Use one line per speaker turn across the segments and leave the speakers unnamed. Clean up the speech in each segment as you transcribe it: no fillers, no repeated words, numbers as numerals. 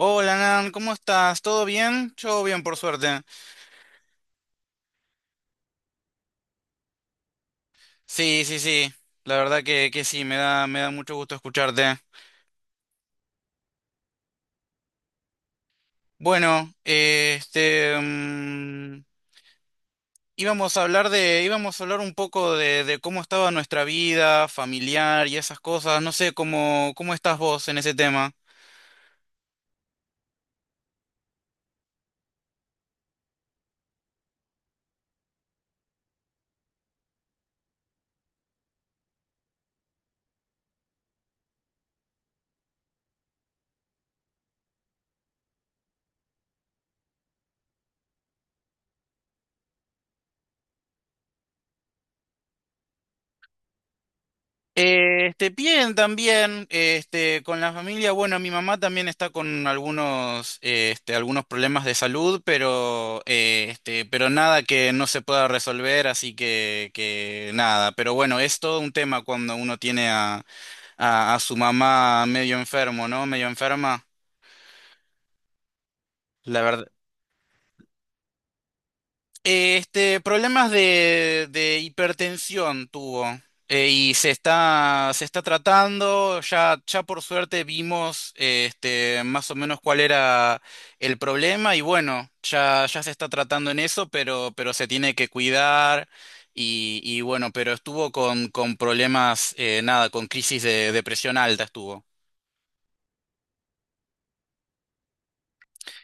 Hola, Nan, ¿cómo estás? ¿Todo bien? Yo bien, por suerte. Sí, sí, sí. La verdad que sí, me da mucho gusto escucharte. Bueno, este, íbamos a hablar un poco de cómo estaba nuestra vida familiar y esas cosas. No sé, cómo estás vos en ese tema. Este, bien, también, este, con la familia, bueno, mi mamá también está con algunos problemas de salud, pero nada que no se pueda resolver, así que nada. Pero bueno, es todo un tema cuando uno tiene a, a su mamá medio enfermo, ¿no? Medio enferma. La verdad, este, problemas de hipertensión tuvo, y se está tratando, ya por suerte vimos, este, más o menos cuál era el problema y bueno, ya se está tratando en eso, pero se tiene que cuidar y bueno, pero estuvo con problemas, nada, con crisis de depresión alta estuvo.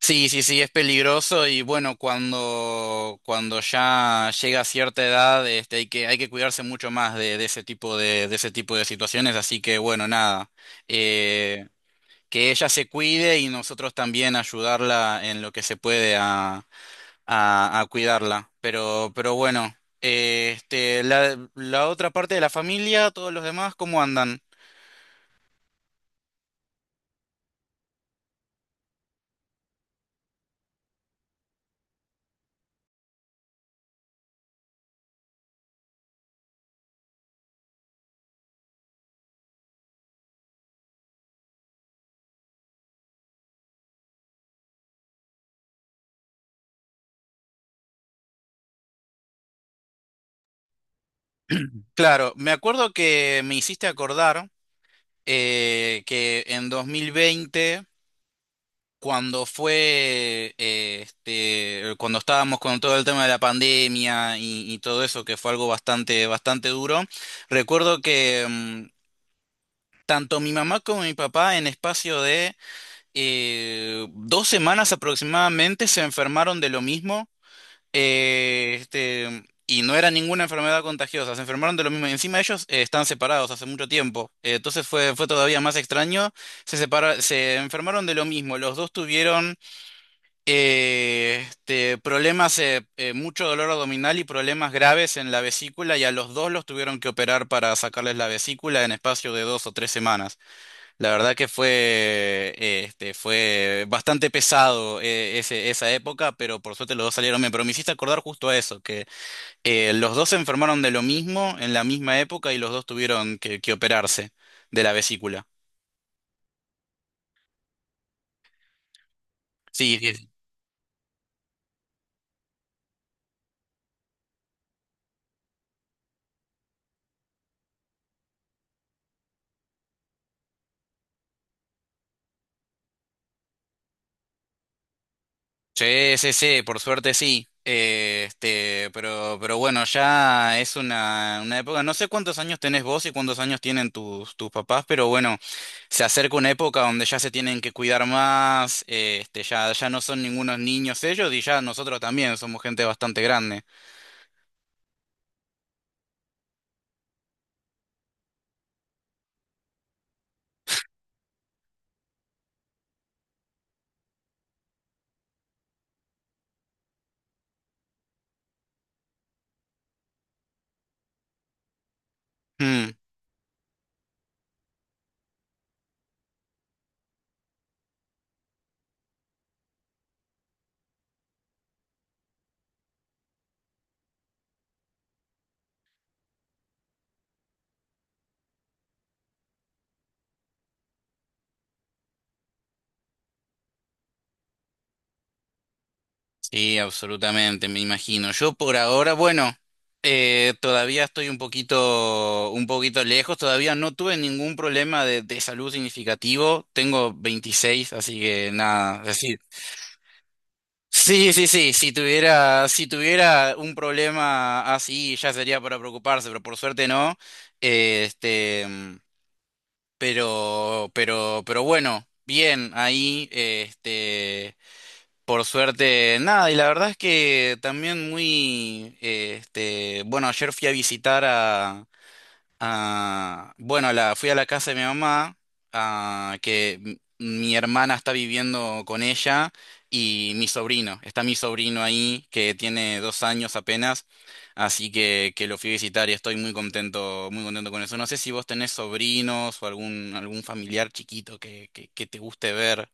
Sí, sí, sí, es peligroso y bueno, cuando ya llega a cierta edad, este, hay que cuidarse mucho más de ese tipo de ese tipo de situaciones, así que bueno, nada, eh, que ella se cuide y nosotros también ayudarla en lo que se puede a, a cuidarla. Pero bueno, este, la otra parte de la familia, todos los demás, ¿cómo andan? Claro, me acuerdo que me hiciste acordar, que en 2020, este, cuando estábamos con todo el tema de la pandemia y todo eso, que fue algo bastante, bastante duro. Recuerdo que tanto mi mamá como mi papá en espacio de, 2 semanas aproximadamente, se enfermaron de lo mismo. Este, y no era ninguna enfermedad contagiosa, se enfermaron de lo mismo. Y encima ellos, están separados hace mucho tiempo, entonces fue todavía más extraño. Se enfermaron de lo mismo, los dos tuvieron, este, problemas, mucho dolor abdominal y problemas graves en la vesícula, y a los dos los tuvieron que operar para sacarles la vesícula en espacio de 2 o 3 semanas. La verdad que fue bastante pesado, esa época, pero por suerte los dos salieron bien. Pero me hiciste acordar justo a eso, que, los dos se enfermaron de lo mismo en la misma época y los dos tuvieron que operarse de la vesícula. Sí, sí, sí, sí, por suerte sí. Este, pero, bueno, ya es una época. No sé cuántos años tenés vos y cuántos años tienen tus papás, pero bueno, se acerca una época donde ya se tienen que cuidar más, este, ya no son ningunos niños ellos y ya nosotros también somos gente bastante grande. Hmm. Sí, absolutamente, me imagino. Yo por ahora, bueno, todavía estoy un poquito lejos, todavía no tuve ningún problema de salud significativo. Tengo 26, así que nada, es decir. Sí, sí, sí, si tuviera un problema así ya sería para preocuparse, pero por suerte no. Este, pero bueno, bien, ahí, este. Por suerte, nada, y la verdad es que también muy, este, bueno, ayer fui a visitar a, fui a la casa de mi mamá, a, que mi hermana está viviendo con ella, y está mi sobrino ahí, que tiene 2 años apenas, así que lo fui a visitar y estoy muy contento con eso. No sé si vos tenés sobrinos o algún familiar chiquito que te guste ver.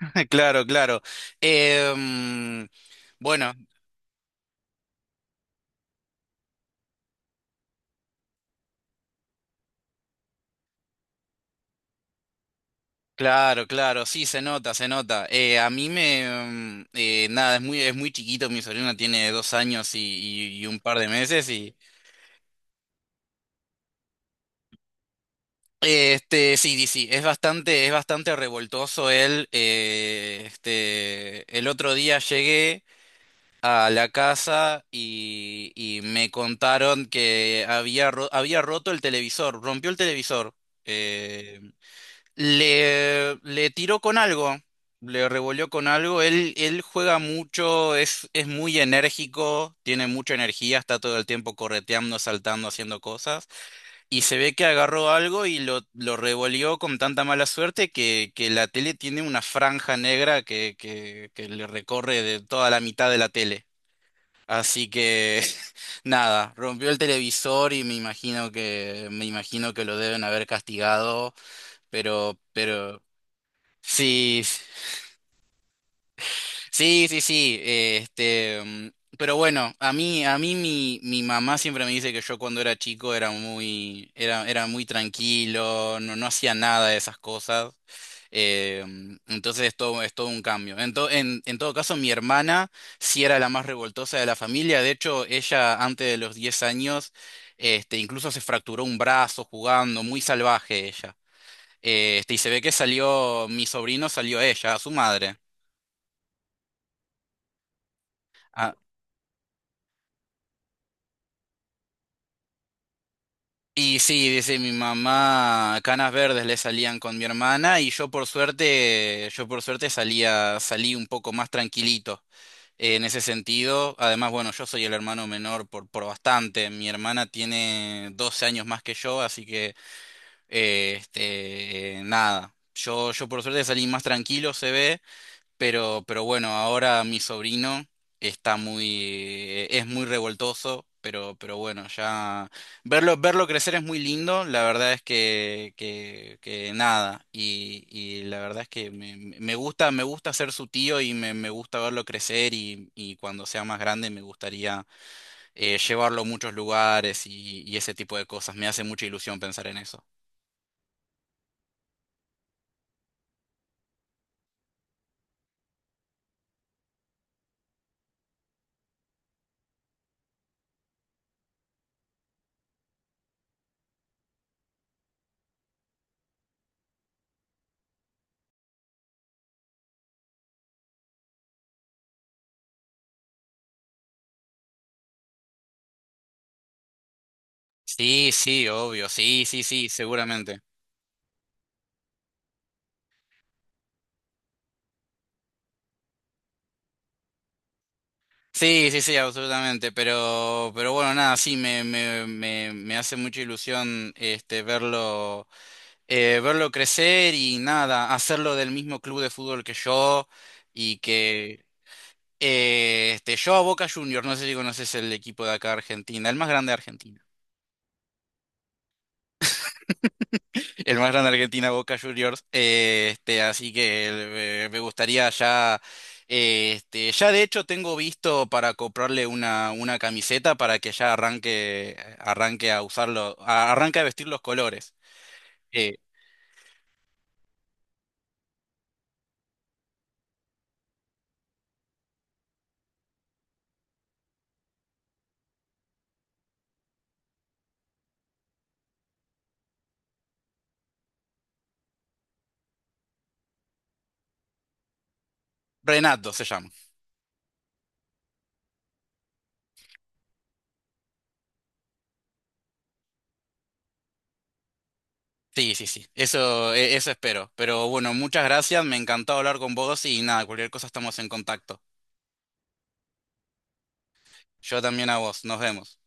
Claro, claro. Em, bueno, claro, claro, sí, se nota, se nota. A mí me, nada, es muy chiquito. Mi sobrina tiene 2 años y un par de meses y, este, sí, sí, sí, es bastante revoltoso él. Este, el otro día llegué a la casa y me contaron que había roto el televisor, rompió el televisor. eh, le tiró con algo, le revolvió con algo. Él juega mucho, es muy enérgico, tiene mucha energía, está todo el tiempo correteando, saltando, haciendo cosas. Y se ve que agarró algo y lo revolvió con tanta mala suerte que la tele tiene una franja negra que le recorre de toda la mitad de la tele. Así que nada, rompió el televisor y me imagino que lo deben haber castigado. Pero, pero Sí, sí, sí, sí. Este, pero bueno, a mí, mi mamá siempre me dice que yo cuando era chico era muy tranquilo, no hacía nada de esas cosas. Entonces es todo, un cambio. En todo caso, mi hermana sí era la más revoltosa de la familia. De hecho, ella antes de los 10 años, este, incluso se fracturó un brazo jugando, muy salvaje ella. Este, y se ve que mi sobrino salió ella, a su madre. Y sí, dice mi mamá, canas verdes le salían con mi hermana, y yo por suerte, salí un poco más tranquilito, en ese sentido. Además, bueno, yo soy el hermano menor por bastante. Mi hermana tiene 12 años más que yo, así que, este, nada. Yo por suerte salí más tranquilo, se ve. Pero bueno, ahora mi sobrino es muy revoltoso, pero bueno, ya verlo crecer es muy lindo, la verdad es que nada, y la verdad es que me gusta ser su tío y me gusta verlo crecer y cuando sea más grande me gustaría, llevarlo a muchos lugares y ese tipo de cosas. Me hace mucha ilusión pensar en eso. Sí, sí, obvio, sí, sí, sí, seguramente. Sí, sí, sí, absolutamente. Pero bueno, nada, sí, me hace mucha ilusión este verlo, verlo crecer y nada, hacerlo del mismo club de fútbol que yo y que este, yo a Boca Juniors, no sé si conoces el equipo de acá de Argentina, el más grande de Argentina. El más grande de Argentina, Boca Juniors. Este, así que, me gustaría ya. Este, ya de hecho tengo visto para comprarle una camiseta para que ya arranque a usarlo, arranque a vestir los colores. Eh, Renato se llama. Sí, sí, sí. Eso espero. Pero bueno, muchas gracias. Me encantó hablar con vos y nada, cualquier cosa estamos en contacto. Yo también a vos. Nos vemos.